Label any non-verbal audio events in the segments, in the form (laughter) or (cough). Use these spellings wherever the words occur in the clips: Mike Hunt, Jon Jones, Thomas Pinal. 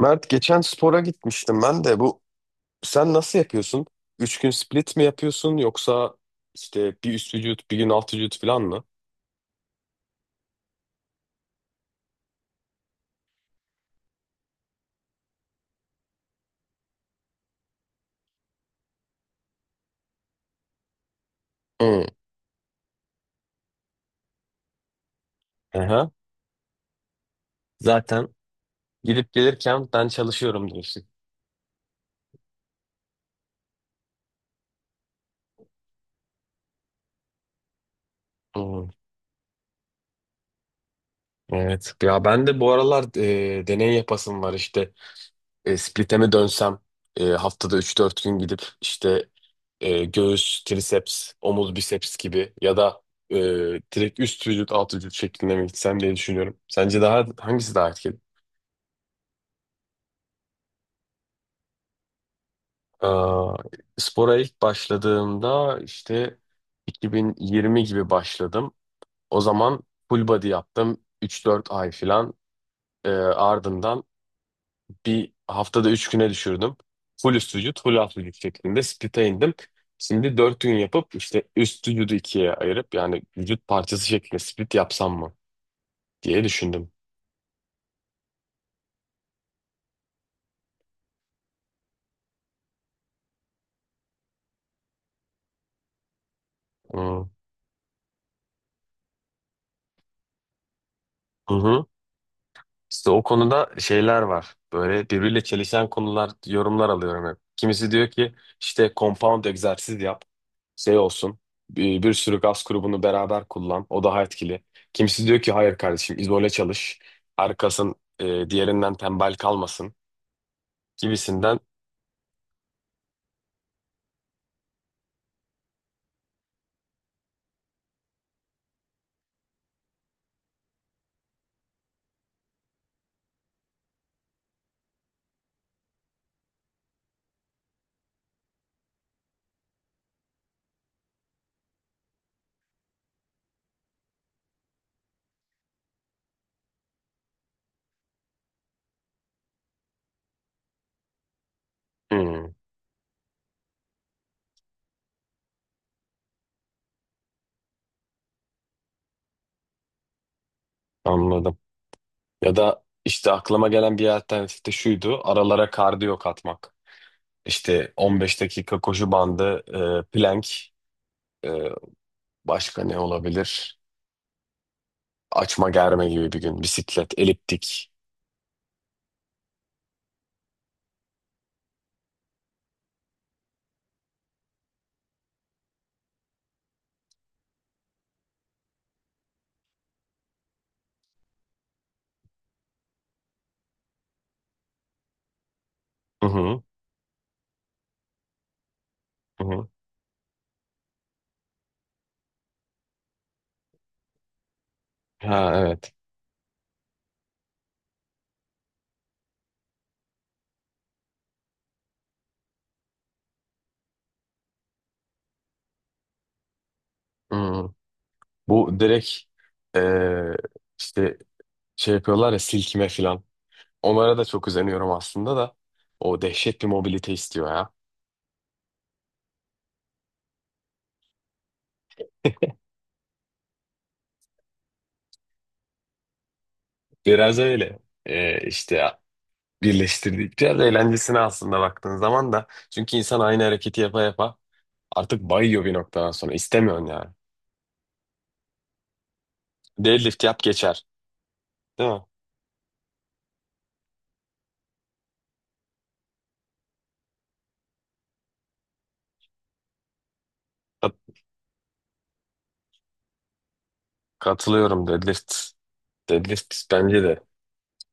Mert, geçen spora gitmiştim ben de bu. Sen nasıl yapıyorsun? Üç gün split mi yapıyorsun yoksa işte bir üst vücut bir gün alt vücut falan mı? Hı. Aha. Zaten gidip gelirken ben çalışıyorum diyorsun. Hı, evet. Ya ben de bu aralar deney yapasım var işte. Split'e mi dönsem haftada üç dört gün gidip işte göğüs, triceps, omuz, biceps gibi ya da e, direkt üst vücut, alt vücut şeklinde mi gitsem diye düşünüyorum. Sence daha hangisi daha etkili? Aa, spora ilk başladığımda işte 2020 gibi başladım. O zaman full body yaptım üç dört ay falan. Ardından bir haftada 3 güne düşürdüm. Full üst vücut, full alt vücut şeklinde split'e indim. Şimdi 4 gün yapıp işte üst vücudu ikiye ayırıp yani vücut parçası şeklinde split yapsam mı diye düşündüm. Hı hı. Hı. İşte o konuda şeyler var. Böyle birbiriyle çelişen konular, yorumlar alıyorum hep. Kimisi diyor ki işte compound egzersiz yap, şey olsun. Bir sürü gaz grubunu beraber kullan, o daha etkili. Kimisi diyor ki hayır kardeşim izole çalış. Arkasın diğerinden tembel kalmasın. Gibisinden. Hmm, anladım. Ya da işte aklıma gelen bir alternatif de şuydu. Aralara kardiyo katmak. İşte 15 dakika koşu bandı, plank, e, başka ne olabilir? Açma germe gibi bir gün. Bisiklet, eliptik. Hı hı, hı hı. Ha, evet. Hı. Bu direkt eee, işte şey yapıyorlar ya silkime falan. Onlara da çok özeniyorum aslında da. O dehşet bir mobilite istiyor ya. Biraz öyle. İşte birleştirdikçe biraz eğlencesine aslında baktığın zaman da. Çünkü insan aynı hareketi yapa yapa artık bayıyor bir noktadan sonra. İstemiyorsun yani. Deadlift yap geçer. Değil mi? Kat- Katılıyorum deadlift. Deadlift bence de.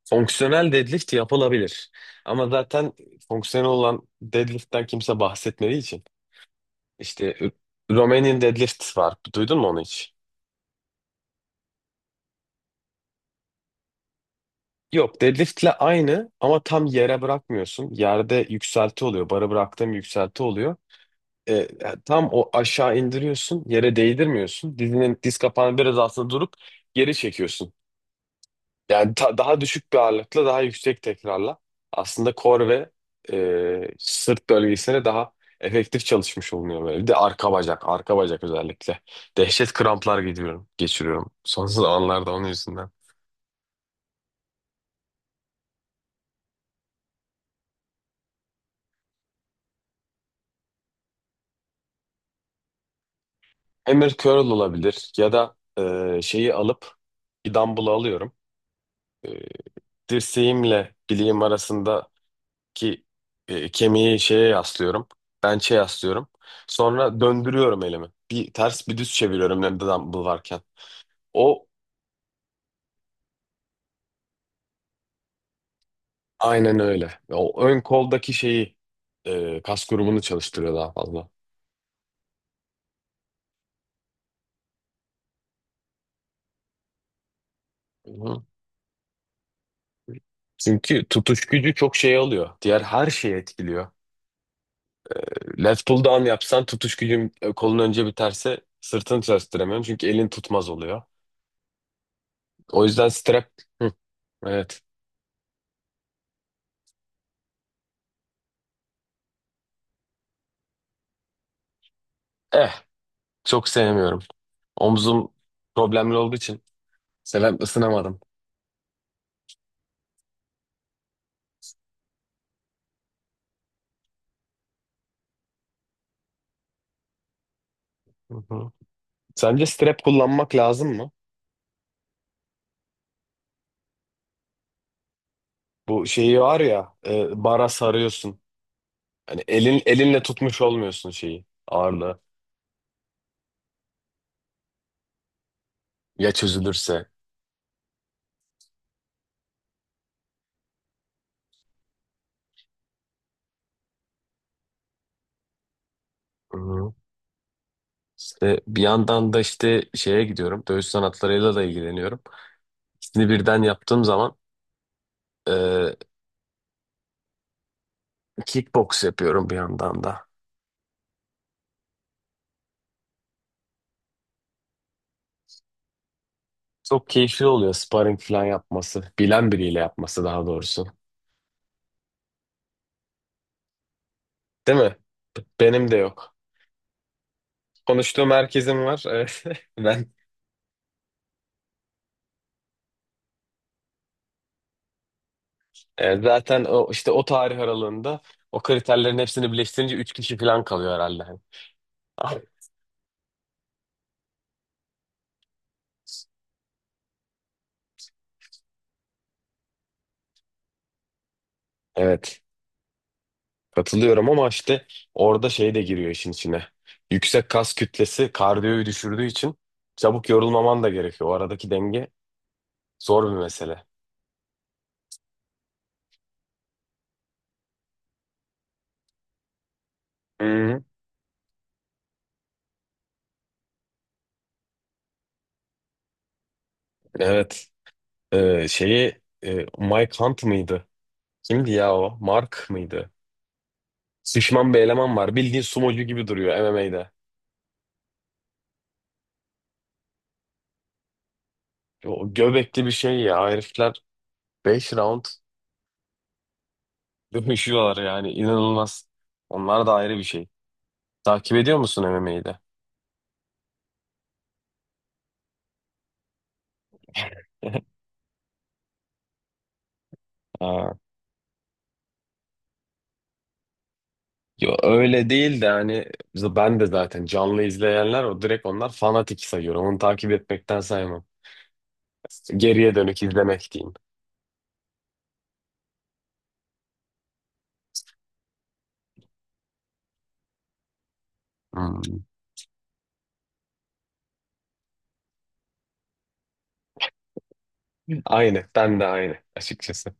Fonksiyonel deadlift yapılabilir. Ama zaten fonksiyonel olan deadlift'ten kimse bahsetmediği için. İşte Romanian deadlift var. Duydun mu onu hiç? Yok, deadliftle aynı ama tam yere bırakmıyorsun. Yerde yükselti oluyor. Bara bıraktığım yükselti oluyor. E, e, tam o aşağı indiriyorsun. Yere değdirmiyorsun. Dizinin diz kapağını biraz altında durup geri çekiyorsun. Yani daha düşük bir ağırlıkla daha yüksek tekrarla aslında kor ve sırt bölgesine daha efektif çalışmış olunuyor böyle. Bir de arka bacak, arka bacak özellikle. Dehşet kramplar geçiriyorum, geçiriyorum son zamanlarda onun yüzünden. Hammer curl olabilir ya da şeyi alıp bir dumbbell alıyorum. E, dirseğimle bileğim arasındaki kemiği şeye yaslıyorum. Bench'e yaslıyorum. Sonra döndürüyorum elimi. Bir ters bir düz çeviriyorum elimde dumbbell varken. O aynen öyle. O ön koldaki şeyi kas grubunu çalıştırıyor daha fazla. Hı. Çünkü tutuş gücü çok şey alıyor. Diğer her şeyi etkiliyor. Left pull down yapsan tutuş gücün kolun önce biterse sırtını çalıştıramıyorum. Çünkü elin tutmaz oluyor. O yüzden strap. Hı, evet. Eh, çok sevmiyorum. Omzum problemli olduğu için seven ısınamadım. Hı hı. Sence strap kullanmak lazım mı? Bu şeyi var ya bara sarıyorsun. Yani elin elinle tutmuş olmuyorsun şeyi ağırlığı. Ya çözülürse. Hı. İşte bir yandan da işte şeye gidiyorum. Dövüş sanatlarıyla da ilgileniyorum. İkisini birden yaptığım zaman e, kickbox yapıyorum bir yandan da. Çok keyifli oluyor sparring falan yapması. Bilen biriyle yapması daha doğrusu. Değil mi? Benim de yok. Konuştuğum herkesin var. (laughs) Evet. Ben zaten o işte o tarih aralığında o kriterlerin hepsini birleştirince 3 kişi falan kalıyor herhalde. (laughs) Evet. Katılıyorum ama işte orada şey de giriyor işin içine. Yüksek kas kütlesi kardiyoyu düşürdüğü için çabuk yorulmaman da gerekiyor. O aradaki denge zor bir mesele. Hı-hı. Evet. Şeyi Mike Hunt mıydı? Kimdi ya o? Mark mıydı? Şişman bir eleman var. Bildiğin sumocu gibi duruyor MMA'de. O göbekli bir şey ya. Herifler 5 round (laughs) dövüşüyorlar yani. İnanılmaz. Onlar da ayrı bir şey. Takip ediyor musun MMA'de? (laughs) Yo, öyle değil de hani ben de zaten canlı izleyenler o direkt onlar fanatik sayıyorum. Onu takip etmekten saymam. Geriye dönük izlemek diyeyim. Hmm. Aynı. Ben de aynı açıkçası.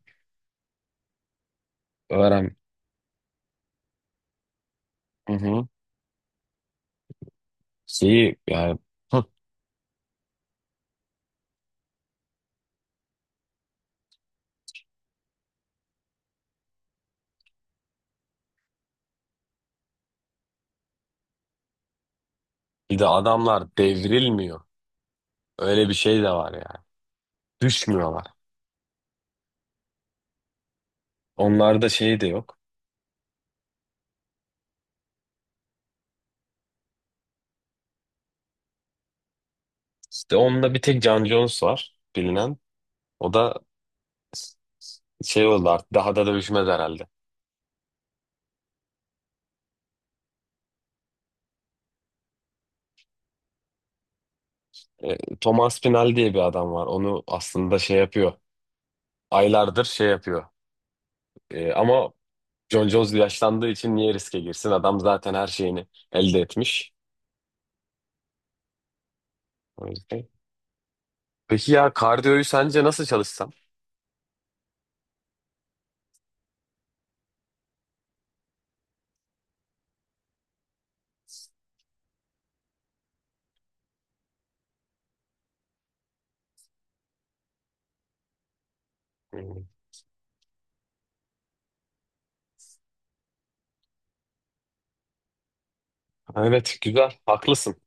Öğren. Hı hı. Şeyi yani hı. Bir de adamlar devrilmiyor. Öyle bir şey de var yani. Düşmüyorlar. Onlarda şey de yok. İşte onda bir tek Jon Jones var bilinen. O da şey oldu artık daha da dövüşmez herhalde. Thomas Pinal diye bir adam var. Onu aslında şey yapıyor. Aylardır şey yapıyor. Ama John Jones yaşlandığı için niye riske girsin? Adam zaten her şeyini elde etmiş. O yüzden. Peki ya kardiyoyu sence nasıl çalışsam? Hmm. Evet, güzel haklısın.